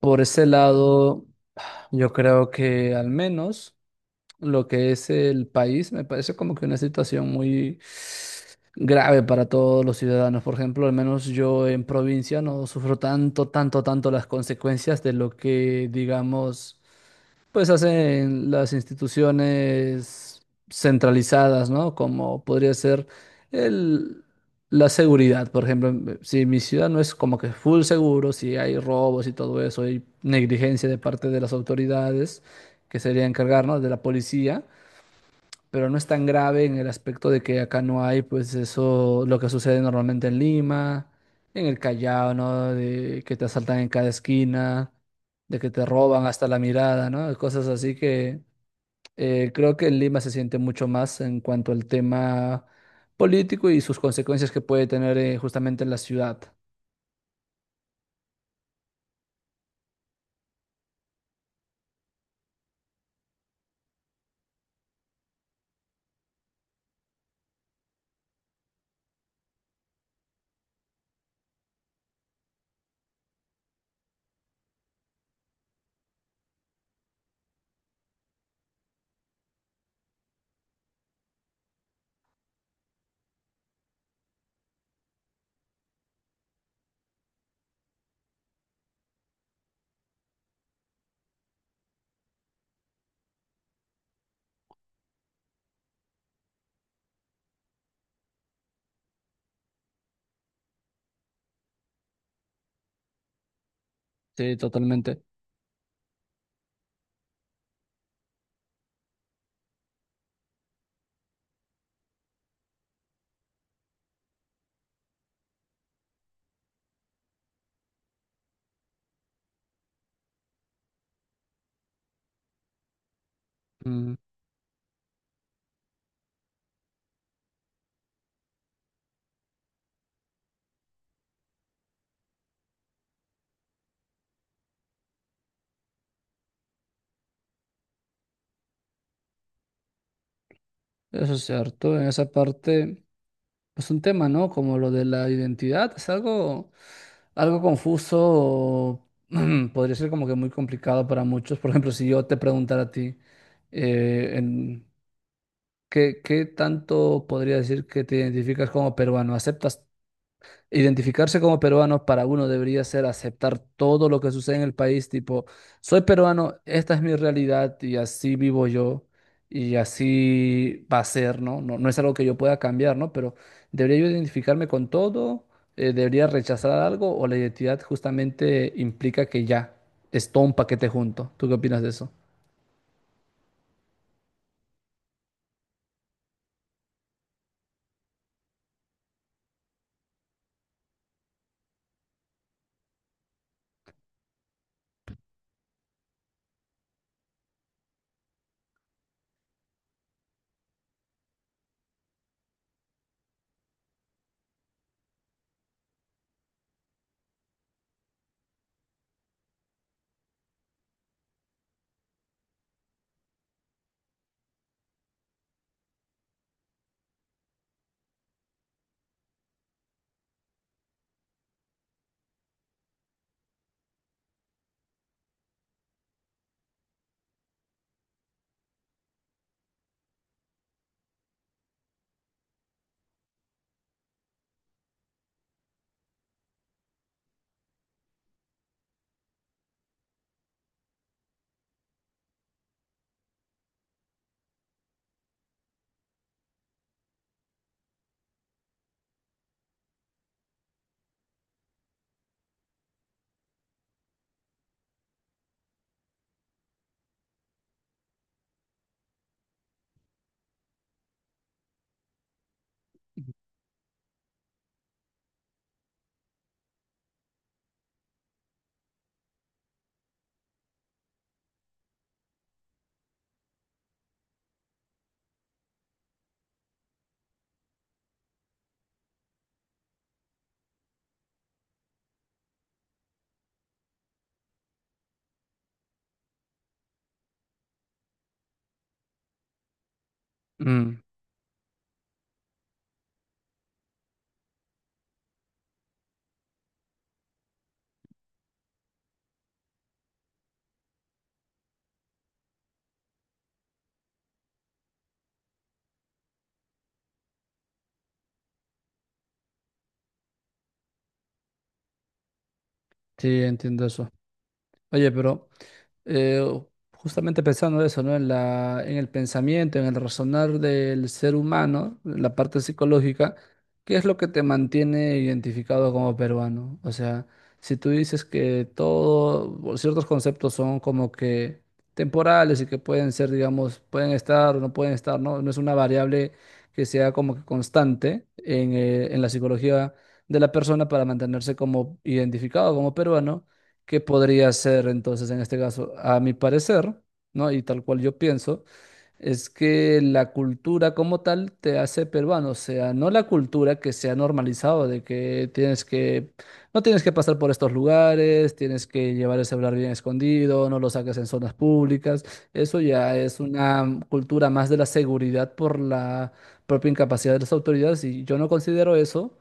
Por ese lado, yo creo que al menos lo que es el país me parece como que una situación muy grave para todos los ciudadanos. Por ejemplo, al menos yo en provincia no sufro tanto, tanto, tanto las consecuencias de lo que, digamos, hacen las instituciones centralizadas, ¿no? Como podría ser el, la seguridad, por ejemplo, si mi ciudad no es como que full seguro, si hay robos y todo eso, hay negligencia de parte de las autoridades que sería encargar, ¿no?, de la policía, pero no es tan grave en el aspecto de que acá no hay, pues eso, lo que sucede normalmente en Lima, en el Callao, ¿no? De que te asaltan en cada esquina, de que te roban hasta la mirada, ¿no? Cosas así que creo que en Lima se siente mucho más en cuanto al tema político y sus consecuencias que puede tener, justamente en la ciudad. Sí, totalmente. Mm. Eso es cierto, en esa parte, es un tema, ¿no? Como lo de la identidad, es algo, algo confuso, o podría ser como que muy complicado para muchos. Por ejemplo, si yo te preguntara a ti, eh, en, ¿qué, qué tanto podría decir que te identificas como peruano? ¿Aceptas identificarse como peruano? Para uno debería ser aceptar todo lo que sucede en el país, tipo, soy peruano, esta es mi realidad y así vivo yo y así va a ser, ¿no? No, no es algo que yo pueda cambiar, ¿no? Pero ¿debería yo identificarme con todo? ¿Debería rechazar algo o la identidad justamente implica que ya es todo un paquete junto? ¿Tú qué opinas de eso? Mm, sí, entiendo eso. Oye, pero... eh, justamente pensando eso, ¿no? En el pensamiento, en el razonar del ser humano, en la parte psicológica, ¿qué es lo que te mantiene identificado como peruano? O sea, si tú dices que todo, o ciertos conceptos son como que temporales y que pueden ser, digamos, pueden estar o no pueden estar, ¿no? No es una variable que sea como que constante en la psicología de la persona para mantenerse como identificado como peruano. ¿Qué podría ser entonces en este caso? A mi parecer, ¿no?, y tal cual yo pienso. Es que la cultura como tal te hace peruano, o sea, no la cultura que se ha normalizado de que tienes que, no tienes que pasar por estos lugares, tienes que llevar el celular bien escondido, no lo saques en zonas públicas. Eso ya es una cultura más de la seguridad por la propia incapacidad de las autoridades, y yo no considero eso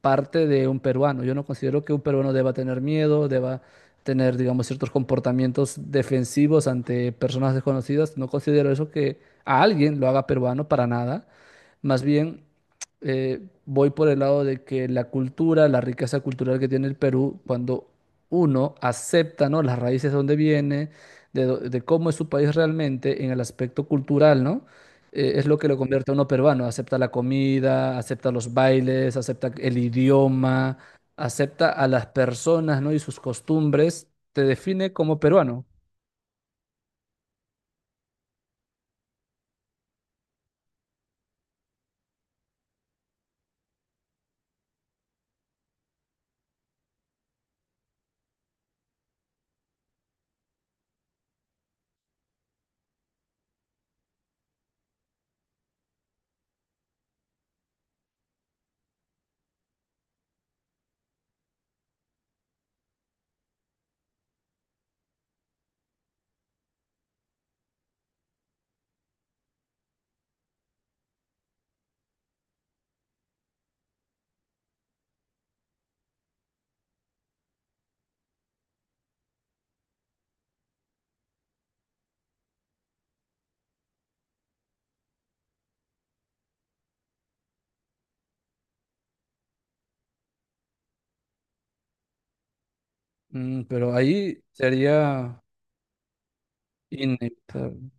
parte de un peruano. Yo no considero que un peruano deba tener miedo, deba tener, digamos, ciertos comportamientos defensivos ante personas desconocidas. No considero eso que a alguien lo haga peruano para nada. Más bien, voy por el lado de que la cultura, la riqueza cultural que tiene el Perú, cuando uno acepta, ¿no?, las raíces de donde viene, de cómo es su país realmente en el aspecto cultural, ¿no? Es lo que lo convierte a uno peruano. Acepta la comida, acepta los bailes, acepta el idioma, acepta a las personas, ¿no?, y sus costumbres. Te define como peruano. Mm, pero ahí sería inevitable.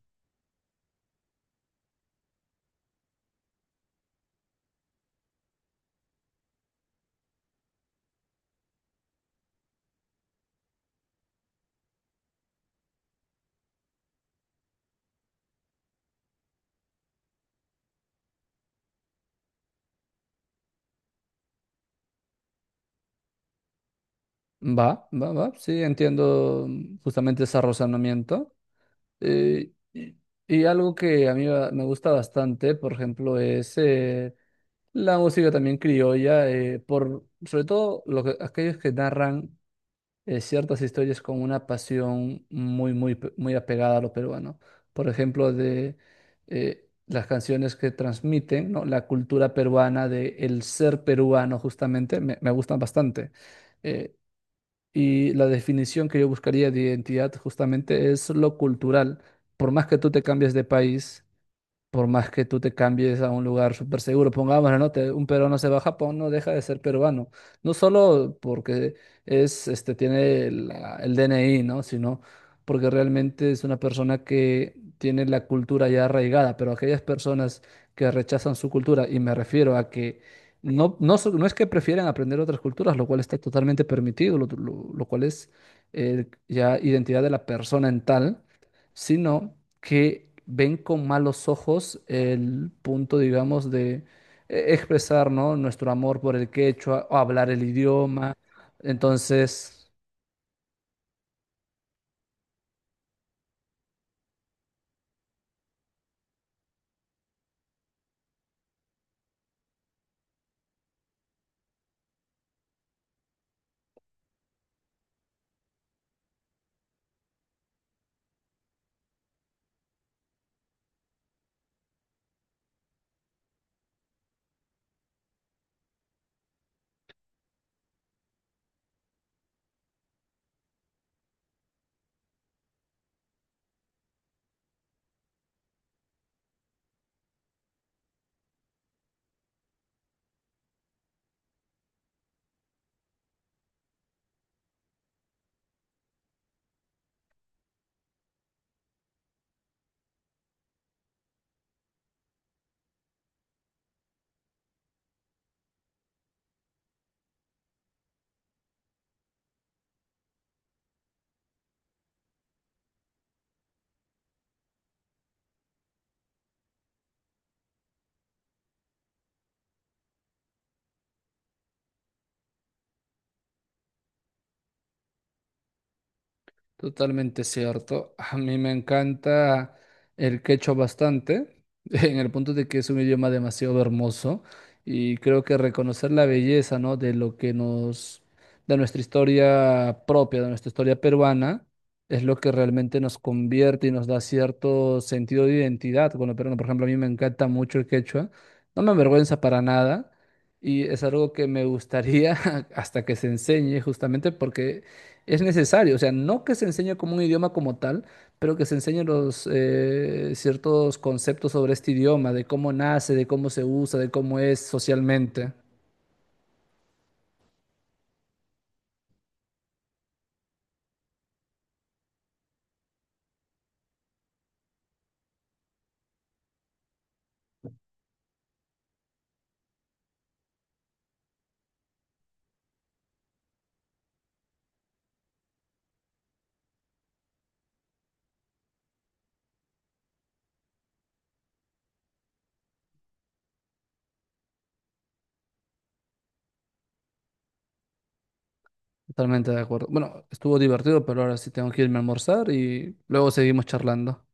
Va, va, va, sí, entiendo, mm, justamente ese razonamiento. Eh, y, y algo que a mí me gusta bastante, por ejemplo, es la música también criolla, por, sobre todo aquellos que narran ciertas historias con una pasión muy, muy, muy apegada a lo peruano. Por ejemplo, de las canciones que transmiten, ¿no?, la cultura peruana, de el ser peruano, justamente, me gustan bastante. Eh, y la definición que yo buscaría de identidad justamente es lo cultural. Por más que tú te cambies de país, por más que tú te cambies a un lugar súper seguro, pongámoslo, ¿no? Un peruano se va a Japón, no deja de ser peruano. No solo porque es, este, tiene el DNI, ¿no? Sino porque realmente es una persona que tiene la cultura ya arraigada, pero aquellas personas que rechazan su cultura, y me refiero a que no es que prefieren aprender otras culturas, lo cual está totalmente permitido, lo cual es ya identidad de la persona en tal, sino que ven con malos ojos el punto, digamos, de expresar, ¿no?, nuestro amor por el quechua o hablar el idioma. Entonces, totalmente cierto. A mí me encanta el quechua bastante, en el punto de que es un idioma demasiado hermoso y creo que reconocer la belleza, ¿no?, de lo que nos, de nuestra historia propia, de nuestra historia peruana, es lo que realmente nos convierte y nos da cierto sentido de identidad con lo peruano. Por ejemplo, a mí me encanta mucho el quechua, no me avergüenza para nada y es algo que me gustaría hasta que se enseñe justamente porque... es necesario, o sea, no que se enseñe como un idioma como tal, pero que se enseñen los ciertos conceptos sobre este idioma, de cómo nace, de cómo se usa, de cómo es socialmente. Totalmente de acuerdo. Bueno, estuvo divertido, pero ahora sí tengo que irme a almorzar y luego seguimos charlando.